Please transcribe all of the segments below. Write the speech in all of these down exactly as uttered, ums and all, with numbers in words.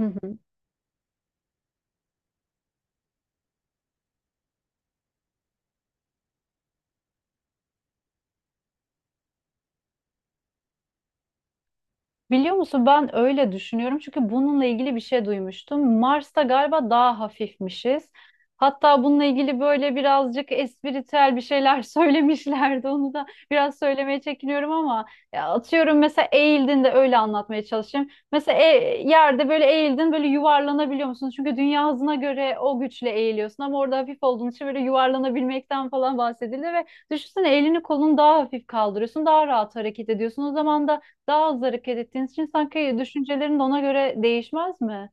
Hı hı. Biliyor musun ben öyle düşünüyorum çünkü bununla ilgili bir şey duymuştum. Mars'ta galiba daha hafifmişiz. Hatta bununla ilgili böyle birazcık espritüel bir şeyler söylemişlerdi. Onu da biraz söylemeye çekiniyorum ama ya atıyorum mesela eğildin de öyle anlatmaya çalışayım. Mesela e- yerde böyle eğildin böyle yuvarlanabiliyor musun? Çünkü dünya hızına göre o güçle eğiliyorsun ama orada hafif olduğun için böyle yuvarlanabilmekten falan bahsedildi ve düşünsene elini kolunu daha hafif kaldırıyorsun, daha rahat hareket ediyorsun. O zaman da daha hızlı hareket ettiğiniz için sanki düşüncelerin de ona göre değişmez mi?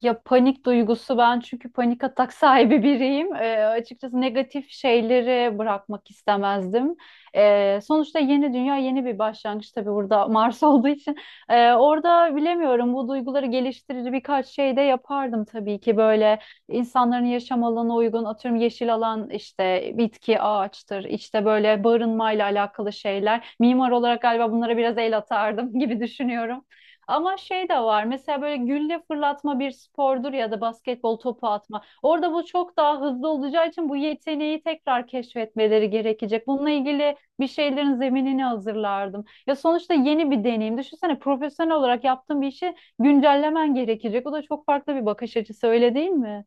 Ya panik duygusu ben çünkü panik atak sahibi biriyim. Ee, açıkçası negatif şeyleri bırakmak istemezdim. Ee, sonuçta yeni dünya yeni bir başlangıç tabii burada Mars olduğu için. Ee, orada bilemiyorum bu duyguları geliştirici birkaç şey de yapardım tabii ki böyle insanların yaşam alanına uygun atıyorum yeşil alan işte bitki ağaçtır işte böyle barınmayla alakalı şeyler. Mimar olarak galiba bunlara biraz el atardım gibi düşünüyorum. Ama şey de var mesela böyle gülle fırlatma bir spordur ya da basketbol topu atma. Orada bu çok daha hızlı olacağı için bu yeteneği tekrar keşfetmeleri gerekecek. Bununla ilgili bir şeylerin zeminini hazırlardım. Ya sonuçta yeni bir deneyim. Düşünsene profesyonel olarak yaptığın bir işi güncellemen gerekecek. O da çok farklı bir bakış açısı öyle değil mi?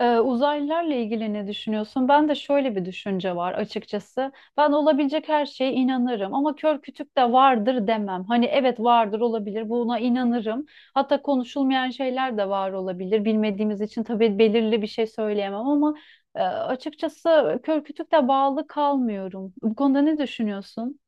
Ee, uzaylılarla ilgili ne düşünüyorsun? Ben de şöyle bir düşünce var açıkçası. Ben olabilecek her şeye inanırım ama kör kütük de vardır demem. Hani evet vardır olabilir buna inanırım. Hatta konuşulmayan şeyler de var olabilir. Bilmediğimiz için tabii belirli bir şey söyleyemem ama e, açıkçası kör kütük de bağlı kalmıyorum. Bu konuda ne düşünüyorsun?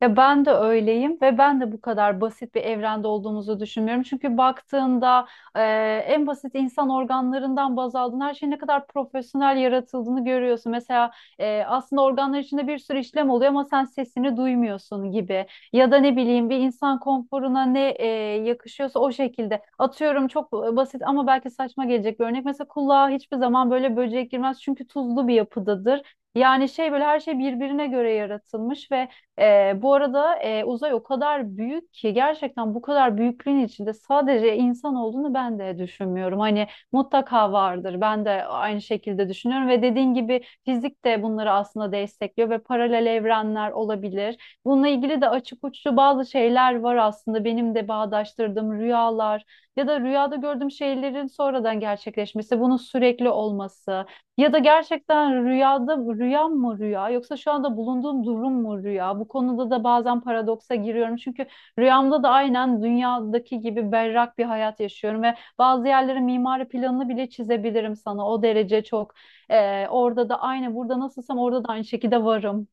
Ya ben de öyleyim ve ben de bu kadar basit bir evrende olduğumuzu düşünmüyorum. Çünkü baktığında e, en basit insan organlarından baz aldığın her şeyin ne kadar profesyonel yaratıldığını görüyorsun. Mesela e, aslında organlar içinde bir sürü işlem oluyor ama sen sesini duymuyorsun gibi. Ya da ne bileyim bir insan konforuna ne e, yakışıyorsa o şekilde. Atıyorum çok basit ama belki saçma gelecek bir örnek. Mesela kulağa hiçbir zaman böyle böcek girmez çünkü tuzlu bir yapıdadır. Yani şey böyle her şey birbirine göre yaratılmış ve ee, bu arada e, uzay o kadar büyük ki gerçekten bu kadar büyüklüğün içinde sadece insan olduğunu ben de düşünmüyorum. Hani mutlaka vardır. Ben de aynı şekilde düşünüyorum ve dediğin gibi fizik de bunları aslında destekliyor ve paralel evrenler olabilir. Bununla ilgili de açık uçlu bazı şeyler var aslında benim de bağdaştırdığım rüyalar ya da rüyada gördüğüm şeylerin sonradan gerçekleşmesi, bunun sürekli olması. Ya da gerçekten rüyada rüyam mı rüya yoksa şu anda bulunduğum durum mu rüya? Bu konuda da bazen paradoksa giriyorum. Çünkü rüyamda da aynen dünyadaki gibi berrak bir hayat yaşıyorum ve bazı yerlerin mimari planını bile çizebilirim sana. O derece çok. Ee, orada da aynı burada nasılsam orada da aynı şekilde varım.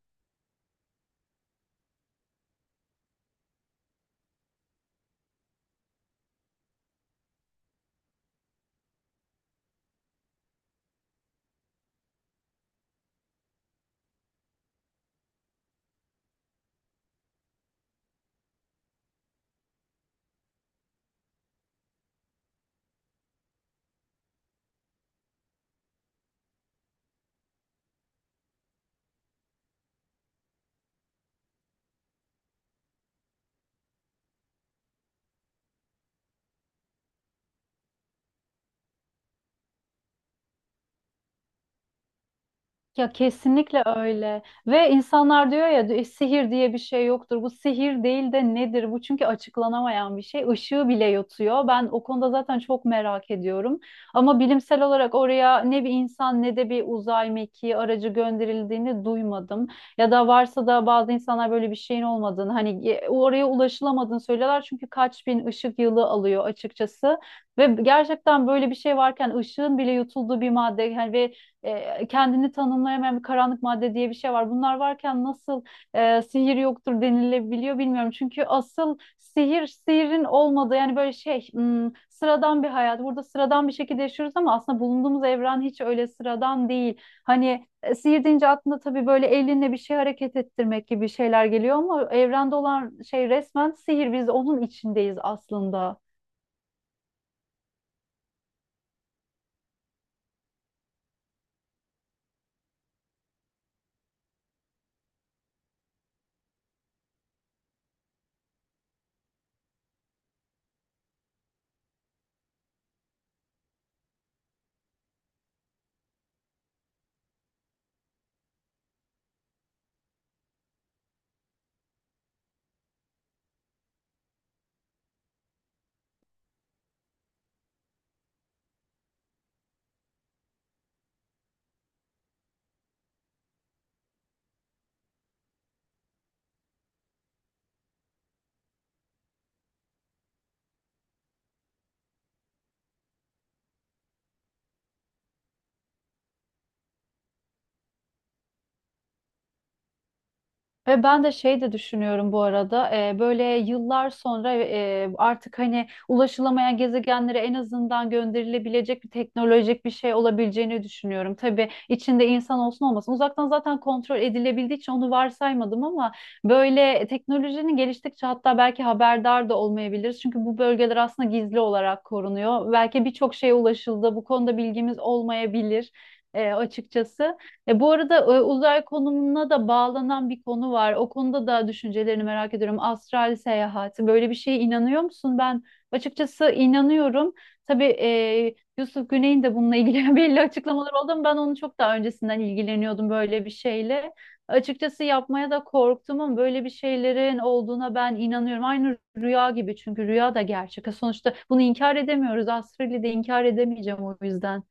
Ya kesinlikle öyle. Ve insanlar diyor ya "E, sihir diye bir şey yoktur. Bu sihir değil de nedir? Bu çünkü açıklanamayan bir şey. Işığı bile yutuyor. Ben o konuda zaten çok merak ediyorum. Ama bilimsel olarak oraya ne bir insan ne de bir uzay mekiği aracı gönderildiğini duymadım. Ya da varsa da bazı insanlar böyle bir şeyin olmadığını hani e, oraya ulaşılamadığını söylüyorlar. Çünkü kaç bin ışık yılı alıyor açıkçası. Ve gerçekten böyle bir şey varken ışığın bile yutulduğu bir madde yani ve e, kendini tanımlayamayan bir karanlık madde diye bir şey var. Bunlar varken nasıl e, sihir yoktur denilebiliyor bilmiyorum. Çünkü asıl sihir sihirin olmadığı yani böyle şey hmm, sıradan bir hayat. Burada sıradan bir şekilde yaşıyoruz ama aslında bulunduğumuz evren hiç öyle sıradan değil. Hani e, sihir deyince aklına tabii böyle elinle bir şey hareket ettirmek gibi şeyler geliyor ama evrende olan şey resmen sihir. Biz onun içindeyiz aslında. Ve ben de şey de düşünüyorum bu arada e, böyle yıllar sonra e, artık hani ulaşılamayan gezegenlere en azından gönderilebilecek bir teknolojik bir şey olabileceğini düşünüyorum. Tabii içinde insan olsun olmasın uzaktan zaten kontrol edilebildiği için onu varsaymadım ama böyle teknolojinin geliştikçe hatta belki haberdar da olmayabiliriz. Çünkü bu bölgeler aslında gizli olarak korunuyor. Belki birçok şeye ulaşıldı bu konuda bilgimiz olmayabilir e, açıkçası. E, bu arada e, uzay konumuna da bağlanan bir konu var. O konuda da düşüncelerini merak ediyorum. Astral seyahat. Böyle bir şeye inanıyor musun? Ben açıkçası inanıyorum. Tabii e, Yusuf Güney'in de bununla ilgili belli açıklamalar oldu ama ben onu çok daha öncesinden ilgileniyordum böyle bir şeyle. Açıkçası yapmaya da korktum ama böyle bir şeylerin olduğuna ben inanıyorum. Aynı rüya gibi çünkü rüya da gerçek. E, Sonuçta bunu inkar edemiyoruz. Astral'i de inkar edemeyeceğim o yüzden.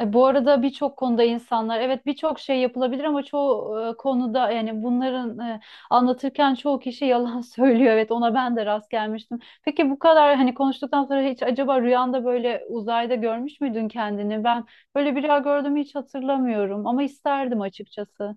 E, Bu arada birçok konuda insanlar evet birçok şey yapılabilir ama çoğu e, konuda yani bunların e, anlatırken çoğu kişi yalan söylüyor. Evet ona ben de rast gelmiştim. Peki bu kadar hani konuştuktan sonra hiç acaba rüyanda böyle uzayda görmüş müydün kendini? Ben böyle bir rüya gördüğümü hiç hatırlamıyorum ama isterdim açıkçası.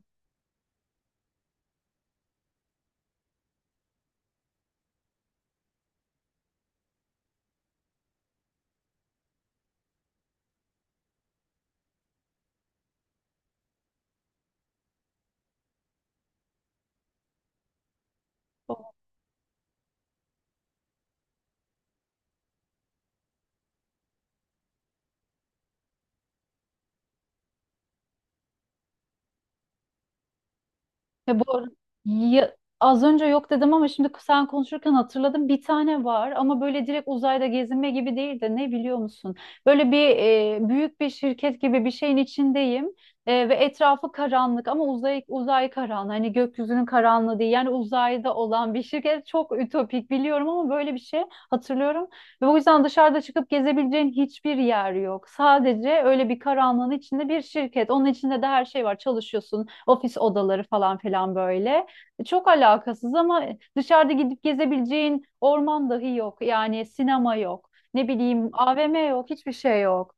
Ve bu ara- ya- az önce yok dedim ama şimdi sen konuşurken hatırladım. Bir tane var ama böyle direkt uzayda gezinme gibi değil de ne biliyor musun? Böyle bir e, büyük bir şirket gibi bir şeyin içindeyim e, ve etrafı karanlık ama uzay uzay karanlığı hani gökyüzünün karanlığı değil. Yani uzayda olan bir şirket çok ütopik biliyorum ama böyle bir şey hatırlıyorum. Ve o yüzden dışarıda çıkıp gezebileceğin hiçbir yer yok. Sadece öyle bir karanlığın içinde bir şirket. Onun içinde de her şey var. Çalışıyorsun, ofis odaları falan filan böyle. E, Çok alakasız ama dışarıda gidip gezebileceğin orman dahi yok. Yani sinema yok. Ne bileyim A V M yok. Hiçbir şey yok.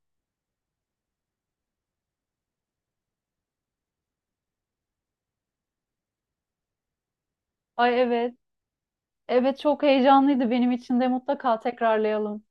Ay evet. Evet çok heyecanlıydı benim için de mutlaka tekrarlayalım.